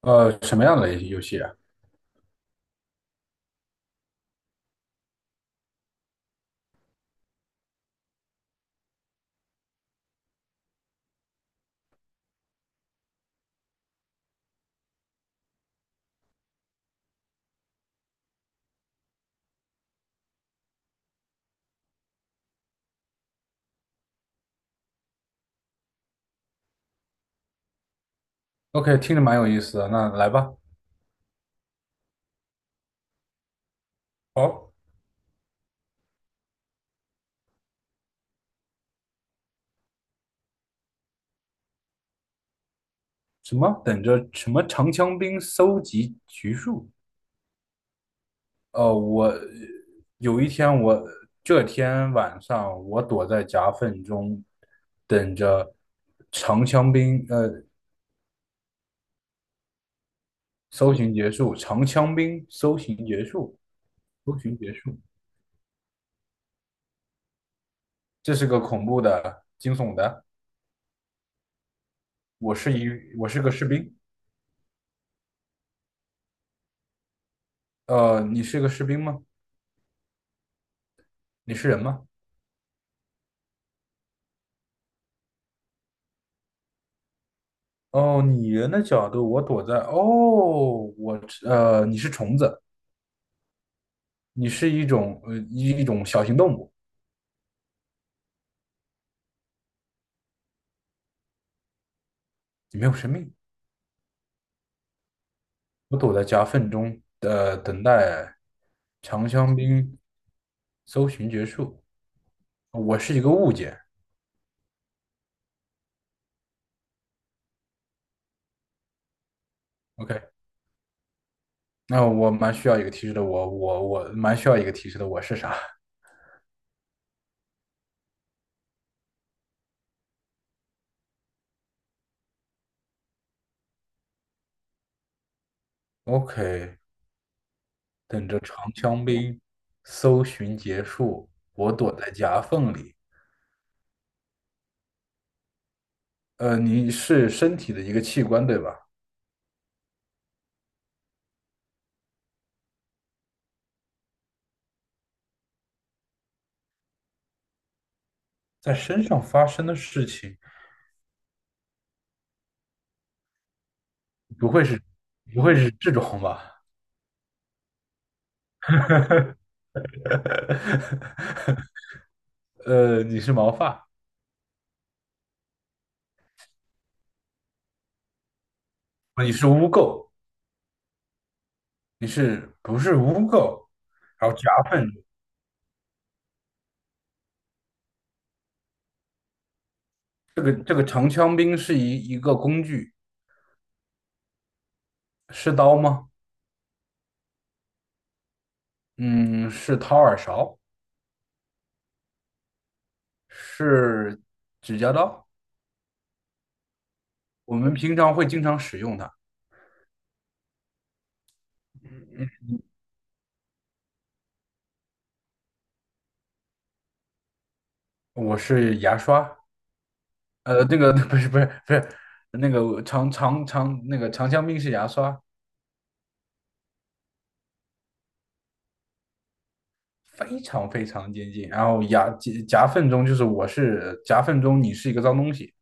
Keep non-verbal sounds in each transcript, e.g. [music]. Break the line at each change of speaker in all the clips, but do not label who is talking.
什么样的游戏啊？OK，听着蛮有意思的，那来吧。哦，什么？等着什么？长枪兵搜集橘树。呃，我有一天我，这天晚上，我躲在夹缝中，等着长枪兵。搜寻结束，长枪兵搜寻结束，搜寻结束。这是个恐怖的、惊悚的。我是一，我是个士兵。你是个士兵吗？你是人吗？哦，拟人的角度，我躲在。哦，我你是虫子，你是一种小型动物，你没有生命。我躲在夹缝中，等待长香兵搜寻结束。我是一个物件。OK,那我蛮需要一个提示的。我蛮需要一个提示的。我是啥？OK,等着长枪兵搜寻结束，我躲在夹缝里。你是身体的一个器官，对吧？在身上发生的事情，不会是不会是这种吧？[laughs] 你是毛发，你是污垢，你是不是污垢？然后夹缝，这个长枪兵是一个工具，是刀吗？嗯，是掏耳勺，是指甲刀，我们平常会经常使用它。我是牙刷，那个 [laughs] 不是，那个长长长那个长枪兵是牙刷，非常非常接近。然后夹缝中就是我是夹缝中，你是一个脏东西。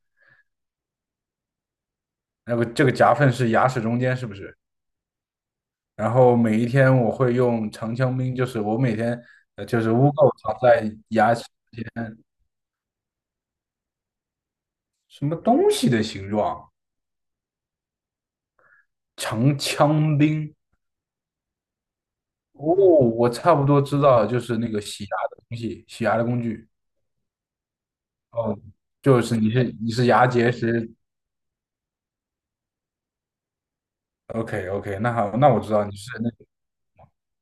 那个这个夹缝是牙齿中间，是不是？然后每一天我会用长枪兵，就是我每天就是污垢藏在牙齿什么东西的形状，长枪兵，哦，我差不多知道了，就是那个洗牙的东西，洗牙的工具。哦，就是你是牙结石，OK OK,那好，那我知道你是那个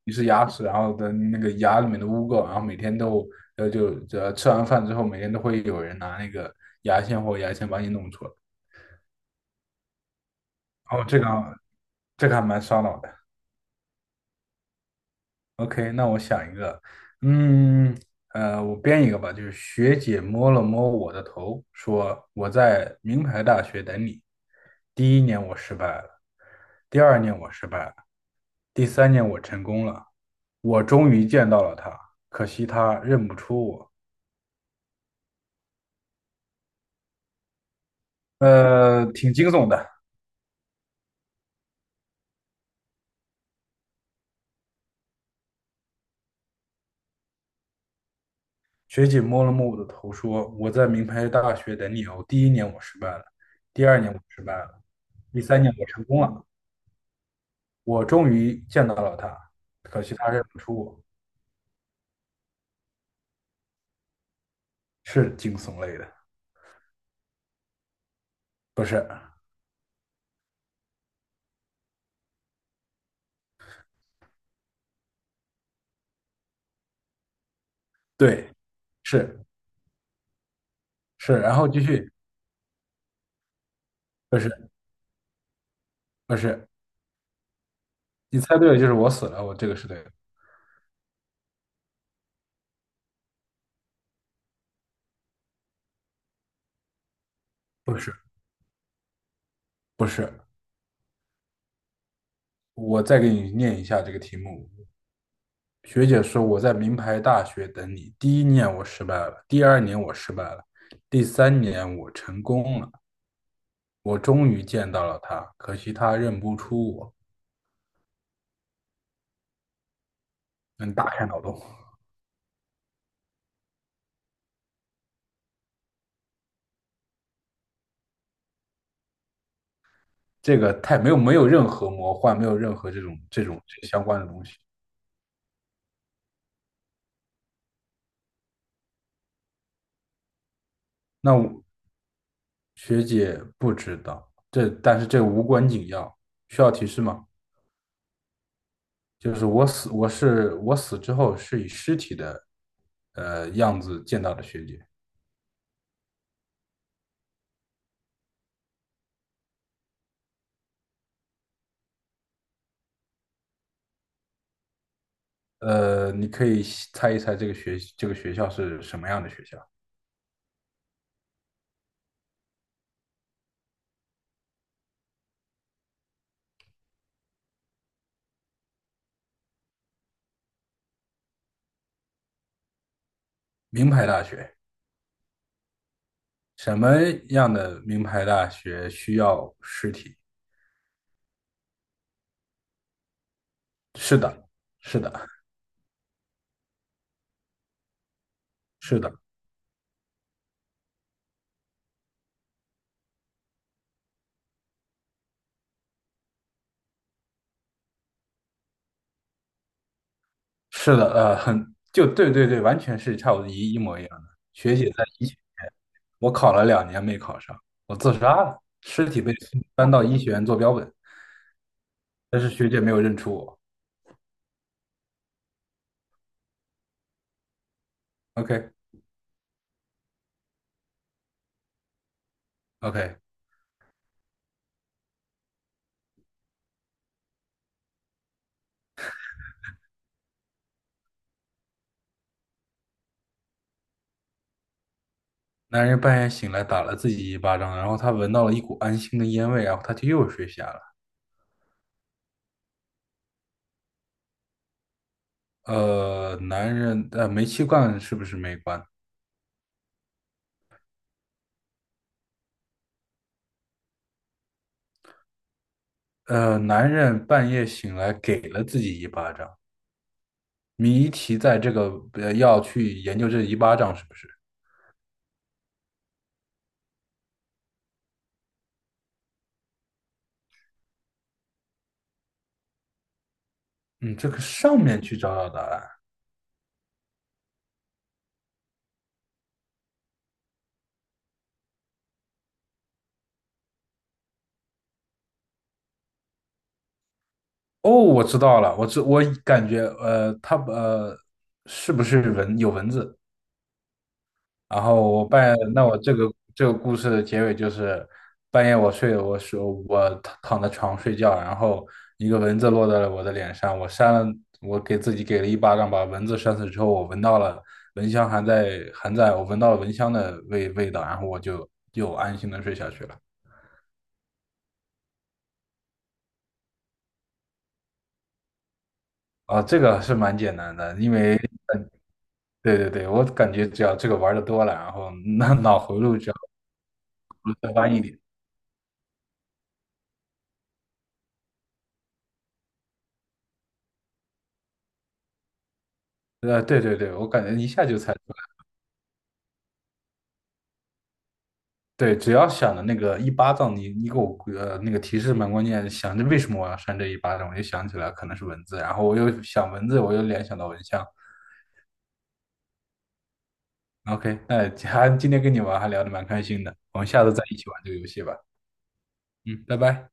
你是牙齿，然后的那个牙里面的污垢，然后每天都呃就呃吃完饭之后，每天都会有人拿那个牙线或牙签把你弄出来，哦，这个这个还蛮烧脑的。OK,那我想一个，嗯，我编一个吧，就是学姐摸了摸我的头，说我在名牌大学等你。第一年我失败了，第二年我失败了，第三年我成功了，我终于见到了他，可惜他认不出我。挺惊悚的。学姐摸了摸我的头，说我在名牌大学等你哦。第一年我失败了，第二年我失败了，第三年我成功了。我终于见到了他，可惜他认不出我，是惊悚类的，不是？对，是是，然后继续，不是不是，你猜对了，就是我死了，我这个是对的，不是不是，我再给你念一下这个题目。学姐说我在名牌大学等你，第一年我失败了，第二年我失败了，第三年我成功了，我终于见到了他，可惜他认不出我。嗯，打开脑洞。这个太没有任何魔幻，没有任何这种相关的东西。那我学姐不知道，这但是这无关紧要，需要提示吗？就是我是我死之后是以尸体的样子见到的学姐。你可以猜一猜这个这个学校是什么样的学校？名牌大学。什么样的名牌大学需要尸体？是的，是的，是的。是的，很，就对对对，完全是差不多一模一样的。学姐在医学我考了两年没考上，我自杀了，尸体被搬到医学院做标本，但是学姐没有认出我。OK OK,男人半夜醒来打了自己一巴掌，然后他闻到了一股安心的烟味，然后他就又睡下了。煤气罐是不是没关？男人半夜醒来给了自己一巴掌，谜题在这个，要去研究这一巴掌是不是？嗯，这个上面去找找答案。哦，我知道了，我知我感觉呃，它呃是不是有蚊子？然后我半夜，那我这个这个故事的结尾就是半夜我躺在床睡觉，然后一个蚊子落在了我的脸上，我扇了，我给自己给了一巴掌，把蚊子扇死之后，我闻到了蚊香还在，我闻到了蚊香的味道，然后我就又安心的睡下去了。啊，这个是蛮简单的，因为对对对，我感觉只要这个玩的多了，然后那脑回路只要再弯一点，对对对，我感觉一下就猜出来，对，只要想着那个一巴掌，你给我那个提示蛮关键，想着为什么我要扇这一巴掌，我就想起来可能是文字，然后我又想文字，我又联想到蚊香。OK,那 [laughs] 还今天跟你玩还聊得蛮开心的，我们下次再一起玩这个游戏吧。嗯，拜拜。